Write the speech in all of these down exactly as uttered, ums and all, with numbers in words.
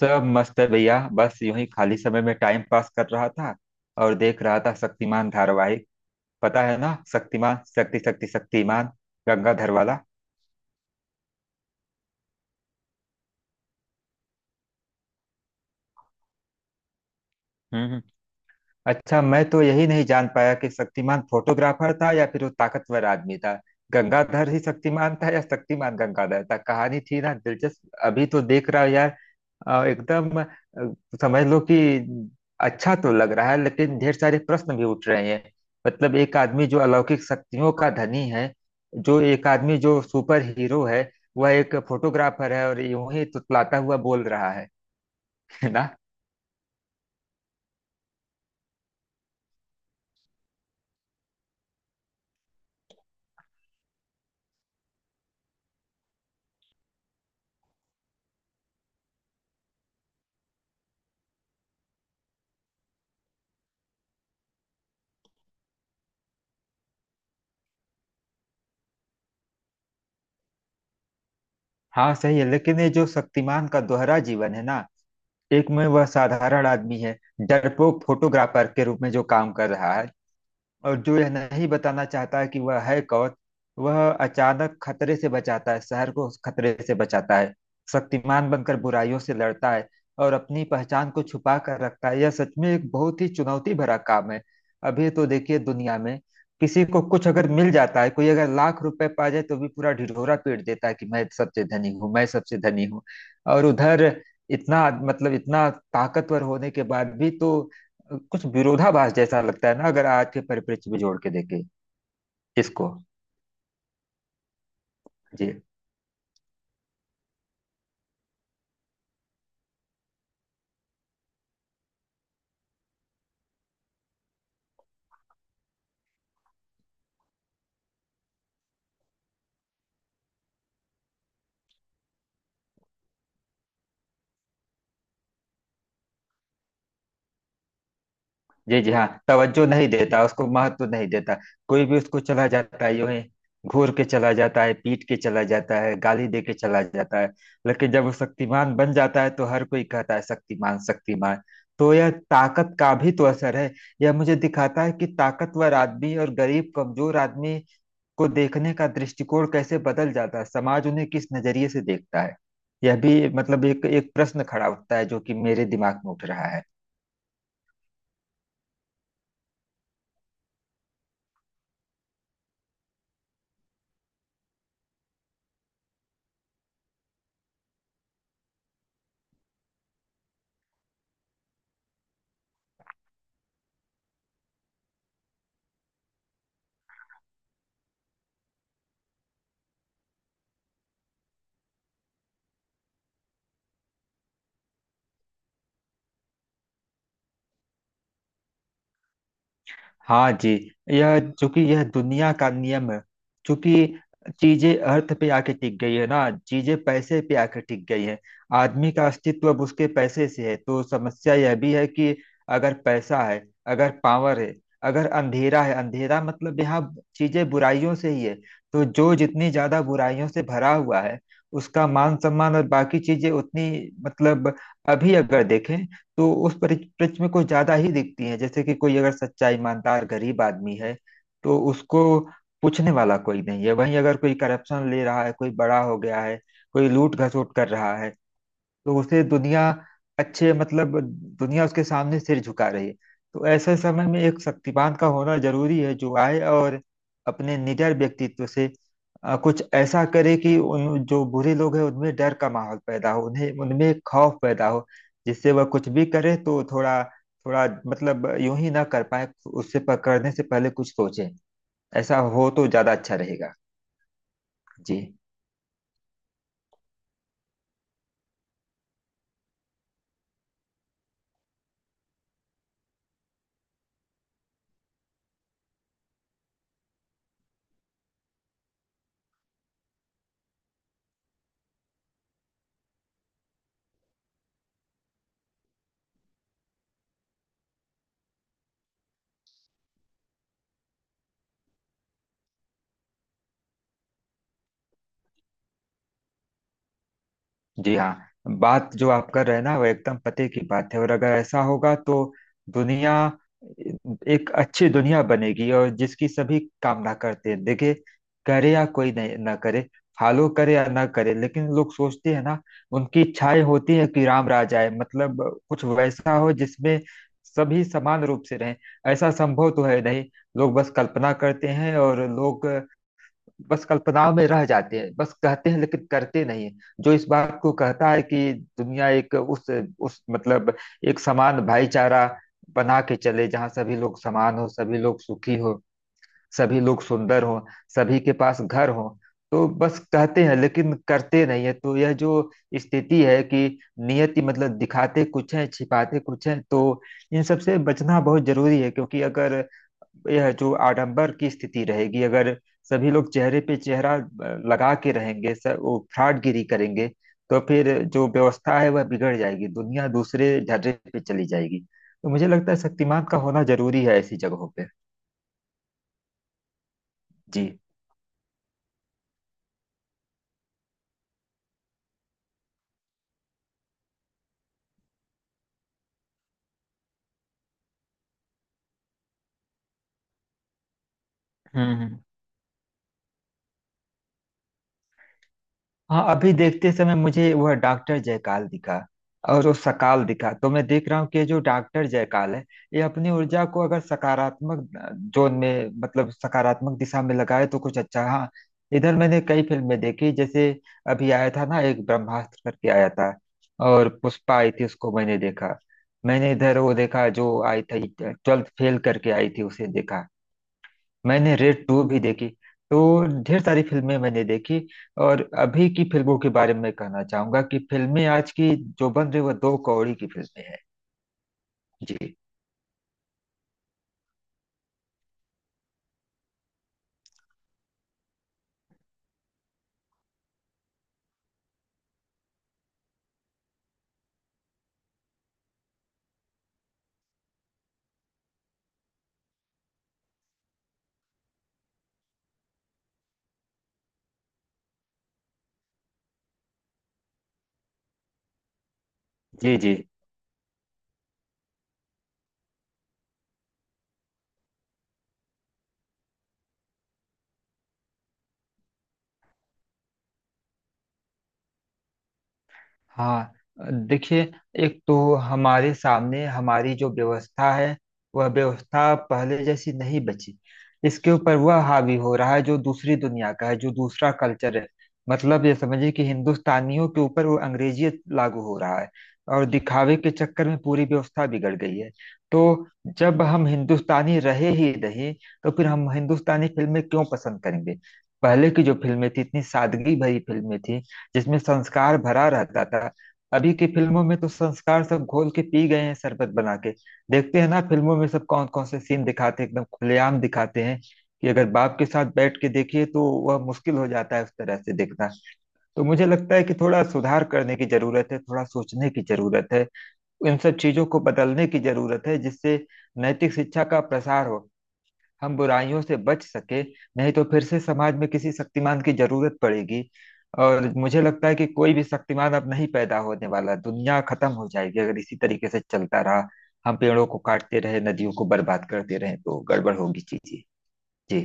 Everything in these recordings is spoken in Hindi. सब मस्त है भैया। बस यूं ही खाली समय में टाइम पास कर रहा था और देख रहा था शक्तिमान धारावाहिक। पता है ना, शक्तिमान शक्ति शक्ति शक्तिमान गंगाधर वाला। हम्म हम्म। अच्छा, मैं तो यही नहीं जान पाया कि शक्तिमान फोटोग्राफर था या फिर वो ताकतवर आदमी था। गंगाधर ही शक्तिमान था या शक्तिमान गंगाधर था, कहानी थी ना दिलचस्प, अभी तो देख रहा हूँ यार। अ, एकदम अ, समझ लो कि अच्छा तो लग रहा है, लेकिन ढेर सारे प्रश्न भी उठ रहे हैं। मतलब एक आदमी जो अलौकिक शक्तियों का धनी है, जो एक आदमी जो सुपर हीरो है, वह एक फोटोग्राफर है और यूं ही तुतलाता हुआ बोल रहा है है ना। हाँ सही है, लेकिन ये जो शक्तिमान का दोहरा जीवन है ना, एक में वह साधारण आदमी है, डरपोक फोटोग्राफर के रूप में जो काम कर रहा है और जो यह नहीं बताना चाहता कि वह है कौन। वह अचानक खतरे से बचाता है, शहर को उस खतरे से बचाता है, शक्तिमान बनकर बुराइयों से लड़ता है और अपनी पहचान को छुपा कर रखता है। यह सच में एक बहुत ही चुनौती भरा काम है। अभी तो देखिए, दुनिया में किसी को कुछ अगर मिल जाता है, कोई अगर लाख रुपए पा जाए तो भी पूरा ढिढोरा पीट देता है कि मैं सबसे धनी हूँ, मैं सबसे धनी हूँ। और उधर इतना मतलब इतना ताकतवर होने के बाद भी तो कुछ विरोधाभास जैसा लगता है ना, अगर आज के परिप्रेक्ष्य में जोड़ के देखे इसको। जी जी जी हाँ, तवज्जो नहीं देता, उसको महत्व नहीं देता, कोई भी उसको चला जाता है यूं ही, घूर के चला जाता है, पीट के चला जाता है, गाली दे के चला जाता है। लेकिन जब वो शक्तिमान बन जाता है तो हर कोई कहता है शक्तिमान शक्तिमान। तो यह ताकत का भी तो असर है। यह मुझे दिखाता है कि ताकतवर आदमी और गरीब कमजोर आदमी को देखने का दृष्टिकोण कैसे बदल जाता है, समाज उन्हें किस नजरिए से देखता है। यह भी मतलब एक एक प्रश्न खड़ा उठता है जो कि मेरे दिमाग में उठ रहा है। हाँ जी, यह चूंकि यह दुनिया का नियम है। चूंकि चीजें अर्थ पे आके टिक गई है ना, चीजें पैसे पे आके टिक गई है। आदमी का अस्तित्व अब उसके पैसे से है, तो समस्या यह भी है कि अगर पैसा है, अगर पावर है, अगर अंधेरा है, अंधेरा मतलब यहाँ चीजें बुराइयों से ही है। तो जो जितनी ज्यादा बुराइयों से भरा हुआ है, उसका मान सम्मान और बाकी चीजें उतनी, मतलब अभी अगर देखें तो उस परिप्रेक्ष्य में कुछ ज्यादा ही दिखती है। जैसे कि कोई अगर सच्चा ईमानदार गरीब आदमी है तो उसको पूछने वाला कोई नहीं है, वहीं अगर कोई करप्शन ले रहा है, कोई बड़ा हो गया है, कोई लूट घसोट कर रहा है, तो उसे दुनिया अच्छे मतलब दुनिया उसके सामने सिर झुका रही है। तो ऐसे समय में एक शक्तिमान का होना जरूरी है, जो आए और अपने निडर व्यक्तित्व से अ, कुछ ऐसा करे कि उन जो बुरे लोग हैं उनमें डर का माहौल पैदा हो, उन्हें उनमें खौफ पैदा हो, जिससे वह कुछ भी करे तो थोड़ा थोड़ा मतलब यूं ही ना कर पाए, उससे प- करने से पहले कुछ सोचे। ऐसा हो तो ज्यादा अच्छा रहेगा। जी जी हाँ, बात जो आप कर रहे हैं ना वो एकदम पते की बात है। और अगर ऐसा होगा तो दुनिया एक अच्छी दुनिया बनेगी, और जिसकी सभी कामना करते हैं। देखिए, करे या कोई नहीं ना करे, फॉलो करे या ना करे, लेकिन लोग सोचते हैं ना, उनकी इच्छाएं होती है कि राम राज आए, मतलब कुछ वैसा हो जिसमें सभी समान रूप से रहें। ऐसा संभव तो है नहीं, लोग बस कल्पना करते हैं और लोग बस कल्पनाओं में रह जाते हैं, बस कहते हैं लेकिन करते नहीं हैं। जो इस बात को कहता है कि दुनिया एक उस उस मतलब एक समान भाईचारा बना के चले, जहाँ सभी लोग समान हो, सभी लोग सुखी हो, सभी लोग सुंदर हो, सभी के पास घर हो, तो बस कहते हैं लेकिन करते नहीं है। तो यह जो स्थिति है कि नियति, मतलब दिखाते कुछ है छिपाते कुछ है, तो इन सब से बचना बहुत जरूरी है, क्योंकि अगर यह जो आडंबर की स्थिति रहेगी, अगर सभी लोग चेहरे पे चेहरा अ, लगा के रहेंगे, सब वो फ्रॉडगिरी करेंगे, तो फिर जो व्यवस्था है वह बिगड़ जाएगी, दुनिया दूसरे झर्रे पे चली जाएगी। तो मुझे लगता है शक्तिमान का होना जरूरी है ऐसी जगहों पे। जी हम्म हाँ, अभी देखते समय मुझे वह डॉक्टर जयकाल दिखा और वो सकाल दिखा, तो मैं देख रहा हूँ कि ये जो डॉक्टर जयकाल है, ये अपनी ऊर्जा को अगर सकारात्मक जोन में, मतलब सकारात्मक दिशा में लगाए तो कुछ अच्छा। हाँ, इधर मैंने कई फिल्में देखी, जैसे अभी आया था ना एक ब्रह्मास्त्र करके आया था, और पुष्पा आई थी उसको मैंने देखा, मैंने इधर वो देखा जो आई थी ट्वेल्थ फेल करके आई थी उसे देखा, मैंने रेड टू भी देखी, तो ढेर सारी फिल्में मैंने देखी। और अभी की फिल्मों के बारे में कहना चाहूंगा कि फिल्में आज की जो बन रही, वो दो कौड़ी की फिल्में हैं। जी जी जी हाँ, देखिए, एक तो हमारे सामने हमारी जो व्यवस्था है, वह व्यवस्था पहले जैसी नहीं बची। इसके ऊपर वह हावी हो रहा है जो दूसरी दुनिया का है, जो दूसरा कल्चर है। मतलब ये समझिए कि हिंदुस्तानियों के ऊपर वो अंग्रेजियत लागू हो रहा है, और दिखावे के चक्कर में पूरी व्यवस्था बिगड़ गई है। तो जब हम हिंदुस्तानी रहे ही नहीं, तो फिर हम हिंदुस्तानी फिल्में क्यों पसंद करेंगे। पहले की जो फिल्में थी, इतनी सादगी भरी फिल्में थी, जिसमें संस्कार भरा रहता था। अभी की फिल्मों में तो संस्कार सब घोल के पी गए हैं शरबत बना के। देखते हैं ना, फिल्मों में सब कौन कौन से सीन दिखाते हैं, एकदम खुलेआम दिखाते हैं, कि अगर बाप के साथ बैठ के देखिए तो वह मुश्किल हो जाता है उस तरह से देखना। तो मुझे लगता है कि थोड़ा सुधार करने की जरूरत है, थोड़ा सोचने की जरूरत है, इन सब चीजों को बदलने की जरूरत है, जिससे नैतिक शिक्षा का प्रसार हो, हम बुराइयों से बच सके, नहीं तो फिर से समाज में किसी शक्तिमान की जरूरत पड़ेगी। और मुझे लगता है कि कोई भी शक्तिमान अब नहीं पैदा होने वाला, दुनिया खत्म हो जाएगी अगर इसी तरीके से चलता रहा, हम पेड़ों को काटते रहे नदियों को बर्बाद करते रहे तो गड़बड़ होगी चीजें। जी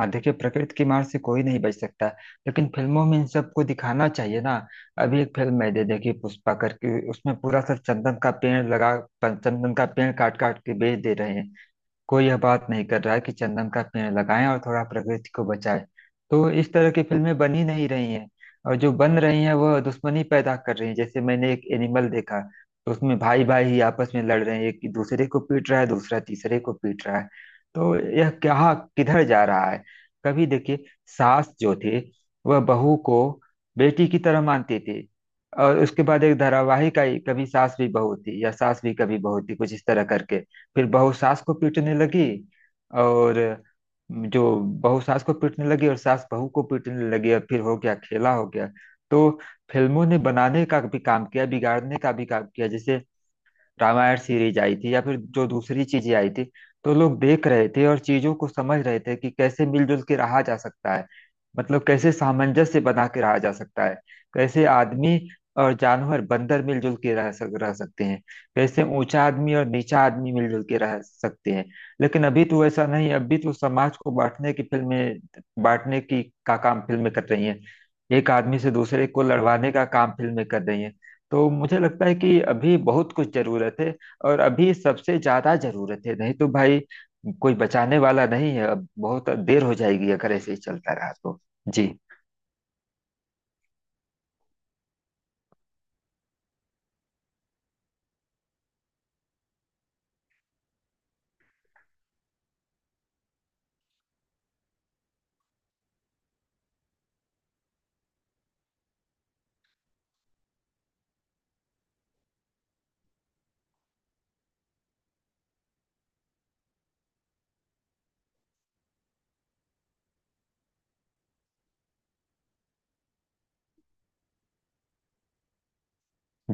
हाँ, देखिए प्रकृति की मार से कोई नहीं बच सकता, लेकिन फिल्मों में इन सबको दिखाना चाहिए ना। अभी एक फिल्म है दे देखिए पुष्पा करके, उसमें पूरा सब चंदन का पेड़ लगा, चंदन का पेड़ काट काट के बेच दे रहे हैं, कोई यह बात नहीं कर रहा है कि चंदन का पेड़ लगाएं और थोड़ा प्रकृति को बचाएं। तो इस तरह की फिल्में बन ही नहीं रही हैं, और जो बन रही हैं वह दुश्मनी पैदा कर रही हैं, जैसे मैंने एक एनिमल देखा, तो उसमें भाई भाई ही आपस में लड़ रहे हैं, एक दूसरे को पीट रहा है, दूसरा तीसरे को पीट रहा है, तो यह क्या किधर जा रहा है। कभी देखिए, सास जो थे वह बहू को बेटी की तरह मानते थे, और उसके बाद एक धारावाहिक आई कभी सास भी बहू थी या सास भी कभी बहू थी कुछ इस तरह करके, फिर बहू सास को पीटने लगी, और जो बहू सास को पीटने लगी और सास बहू को पीटने लगी और फिर हो गया खेला हो गया। तो फिल्मों ने बनाने का भी काम किया, बिगाड़ने का भी काम किया, जैसे रामायण सीरीज आई थी या फिर जो दूसरी चीजें आई थी, तो लोग देख रहे थे और चीजों को समझ रहे थे कि कैसे मिलजुल के रहा जा सकता है, मतलब कैसे सामंजस्य बना के रहा जा सकता है, कैसे आदमी और जानवर बंदर मिलजुल के रह सक रह सकते हैं, कैसे ऊंचा आदमी और नीचा आदमी मिलजुल के रह सकते हैं। लेकिन अभी तो ऐसा नहीं है, अभी तो समाज को बांटने की फिल्में बांटने की का काम फिल्में कर रही हैं, एक आदमी से दूसरे को लड़वाने का काम फिल्में कर रही हैं। तो मुझे लगता है कि अभी बहुत कुछ जरूरत है, और अभी सबसे ज्यादा जरूरत है, नहीं तो भाई कोई बचाने वाला नहीं है, अब बहुत देर हो जाएगी अगर ऐसे ही चलता रहा तो। जी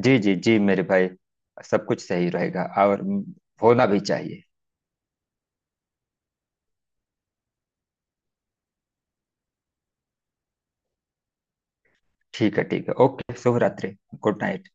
जी जी जी मेरे भाई, सब कुछ सही रहेगा और होना भी चाहिए। ठीक है ठीक है ओके, शुभ रात्रि। Good night.